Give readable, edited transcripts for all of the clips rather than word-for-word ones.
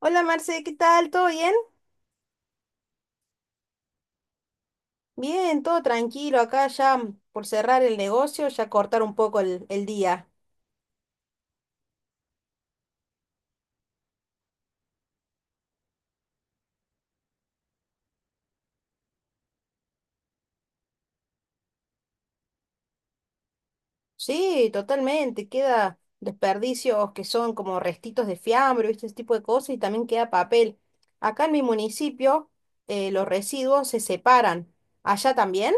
Hola Marce, ¿qué tal? ¿Todo bien? Bien, todo tranquilo. Acá ya por cerrar el negocio, ya cortar un poco el día. Sí, totalmente. Queda desperdicios que son como restitos de fiambre, ¿viste? Ese tipo de cosas y también queda papel. Acá en mi municipio los residuos se separan. ¿Allá también?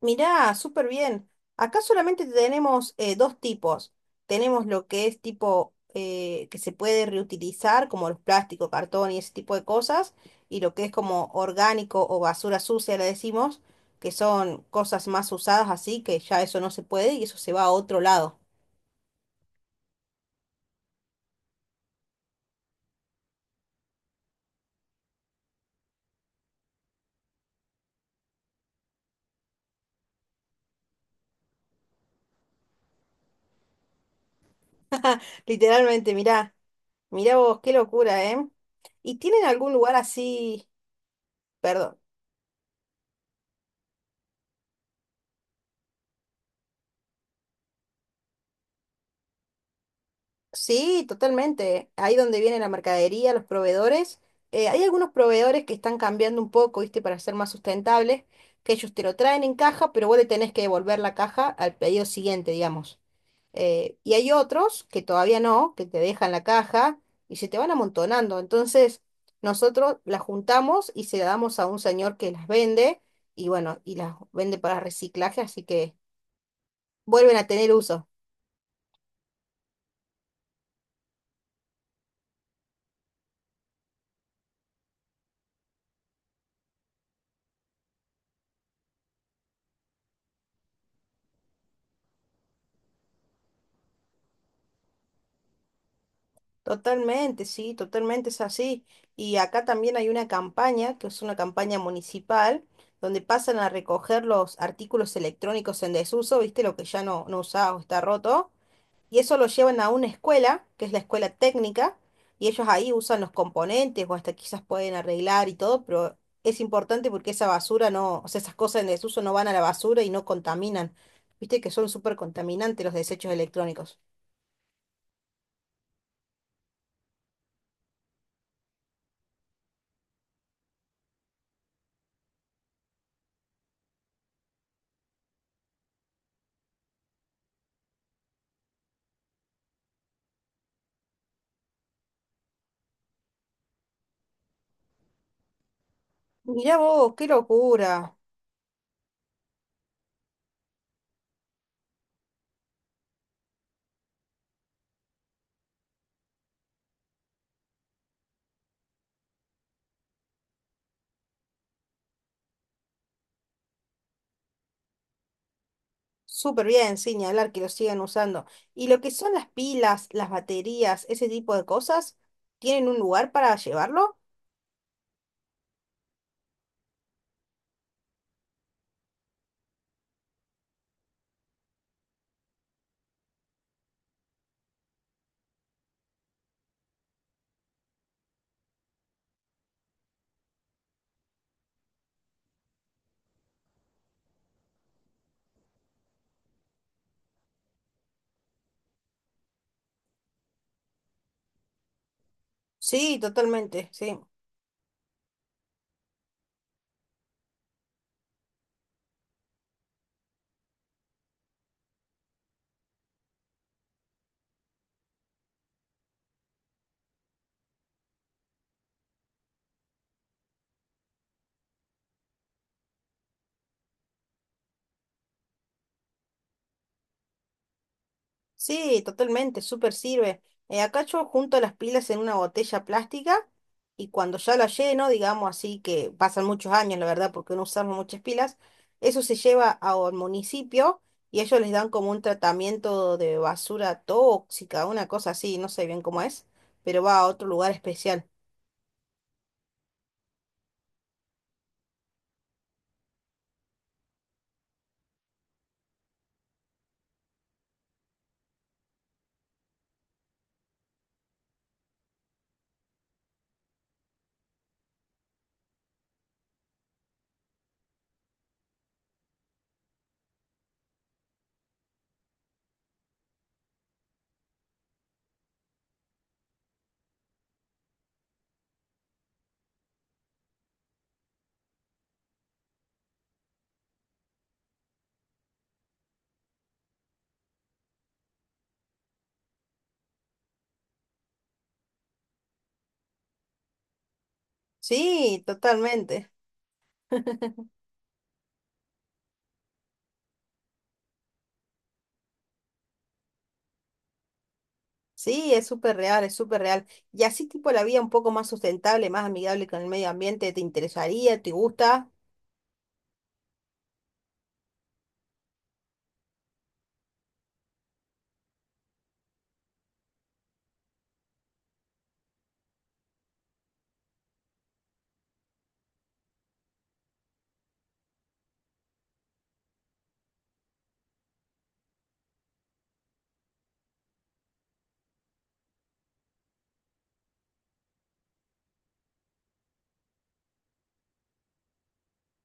Mirá, súper bien. Acá solamente tenemos dos tipos. Tenemos lo que es tipo que se puede reutilizar, como los plásticos, cartón y ese tipo de cosas, y lo que es como orgánico o basura sucia, le decimos, que son cosas más usadas así, que ya eso no se puede y eso se va a otro lado. Literalmente, mirá, mirá vos, qué locura, ¿eh? ¿Y tienen algún lugar así, perdón? Sí, totalmente. Ahí donde viene la mercadería, los proveedores. Hay algunos proveedores que están cambiando un poco, ¿viste? Para ser más sustentables, que ellos te lo traen en caja, pero vos le tenés que devolver la caja al pedido siguiente, digamos. Y hay otros que todavía no, que te dejan la caja y se te van amontonando. Entonces, nosotros las juntamos y se la damos a un señor que las vende y bueno, y las vende para reciclaje, así que vuelven a tener uso. Totalmente, sí, totalmente es así. Y acá también hay una campaña, que es una campaña municipal, donde pasan a recoger los artículos electrónicos en desuso, ¿viste? Lo que ya no, no usás o está roto. Y eso lo llevan a una escuela, que es la escuela técnica, y ellos ahí usan los componentes o hasta quizás pueden arreglar y todo, pero es importante porque esa basura no, o sea, esas cosas en desuso no van a la basura y no contaminan. ¿Viste? Que son súper contaminantes los desechos electrónicos. Mirá vos, qué locura. Súper bien, sin ni hablar que lo sigan usando. Y lo que son las pilas, las baterías, ese tipo de cosas, ¿tienen un lugar para llevarlo? Sí, totalmente, sí. Sí, totalmente, súper sirve. Acá yo junto las pilas en una botella plástica y cuando ya la lleno, digamos así que pasan muchos años, la verdad, porque no usamos muchas pilas, eso se lleva a- al municipio y ellos les dan como un tratamiento de basura tóxica, una cosa así, no sé bien cómo es, pero va a otro lugar especial. Sí, totalmente. Sí, es súper real, es súper real. Y así tipo la vida un poco más sustentable, más amigable con el medio ambiente, ¿te interesaría? ¿Te gusta?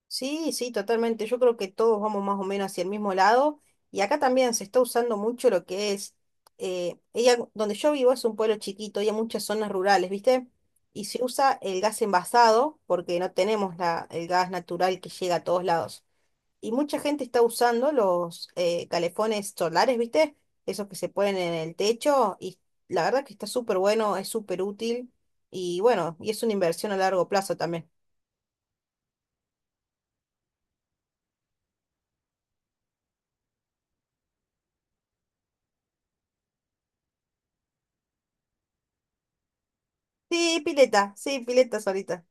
Sí, sí, totalmente. Yo creo que todos vamos más o menos hacia el mismo lado. Y acá también se está usando mucho lo que es, ella, donde yo vivo es un pueblo chiquito y hay muchas zonas rurales, ¿viste? Y se usa el gas envasado porque no tenemos el gas natural que llega a todos lados. Y mucha gente está usando los calefones solares, ¿viste? Esos que se ponen en el techo y la verdad que está súper bueno, es súper útil y bueno, y es una inversión a largo plazo también. Sí, pileta solita.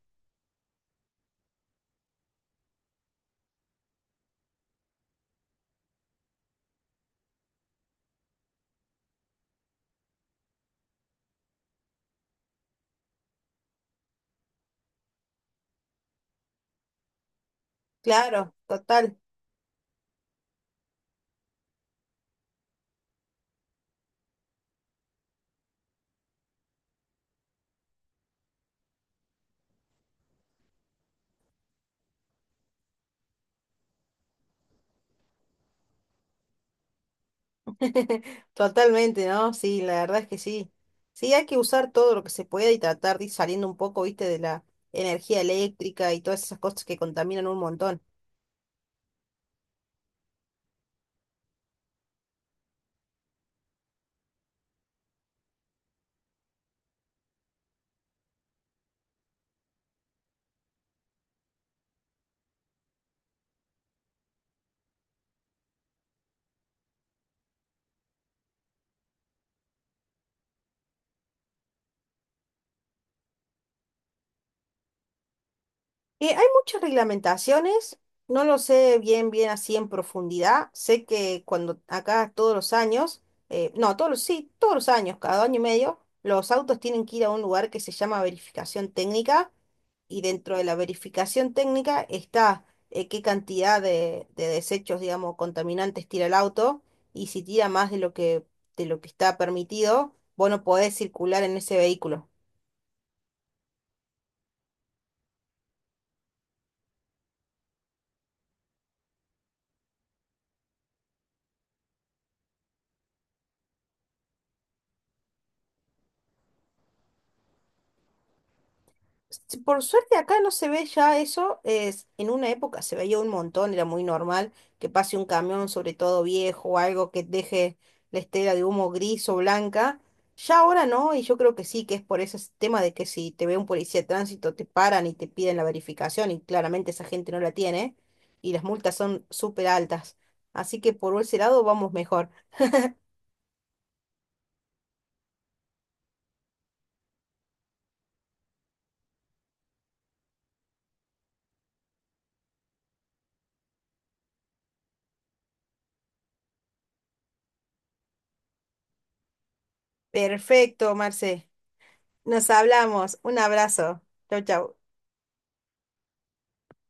Claro, total, totalmente, ¿no? Sí, la verdad es que sí. Sí, hay que usar todo lo que se pueda y tratar de ir saliendo un poco, ¿viste? De la energía eléctrica y todas esas cosas que contaminan un montón. Hay muchas reglamentaciones, no lo sé bien, bien así en profundidad. Sé que cuando acá todos los años, no, todos los, sí, todos los años, cada año y medio, los autos tienen que ir a un lugar que se llama verificación técnica y dentro de la verificación técnica está qué cantidad de desechos, digamos, contaminantes tira el auto y si tira más de lo que está permitido, vos no podés circular en ese vehículo. Sí, por suerte acá no se ve ya eso, es, en una época se veía un montón, era muy normal que pase un camión, sobre todo viejo o algo que deje la estela de humo gris o blanca. Ya ahora no, y yo creo que sí, que es por ese tema de que si te ve un policía de tránsito te paran y te piden la verificación y claramente esa gente no la tiene y las multas son súper altas. Así que por ese lado vamos mejor. Perfecto, Marce. Nos hablamos. Un abrazo. Chau, chau.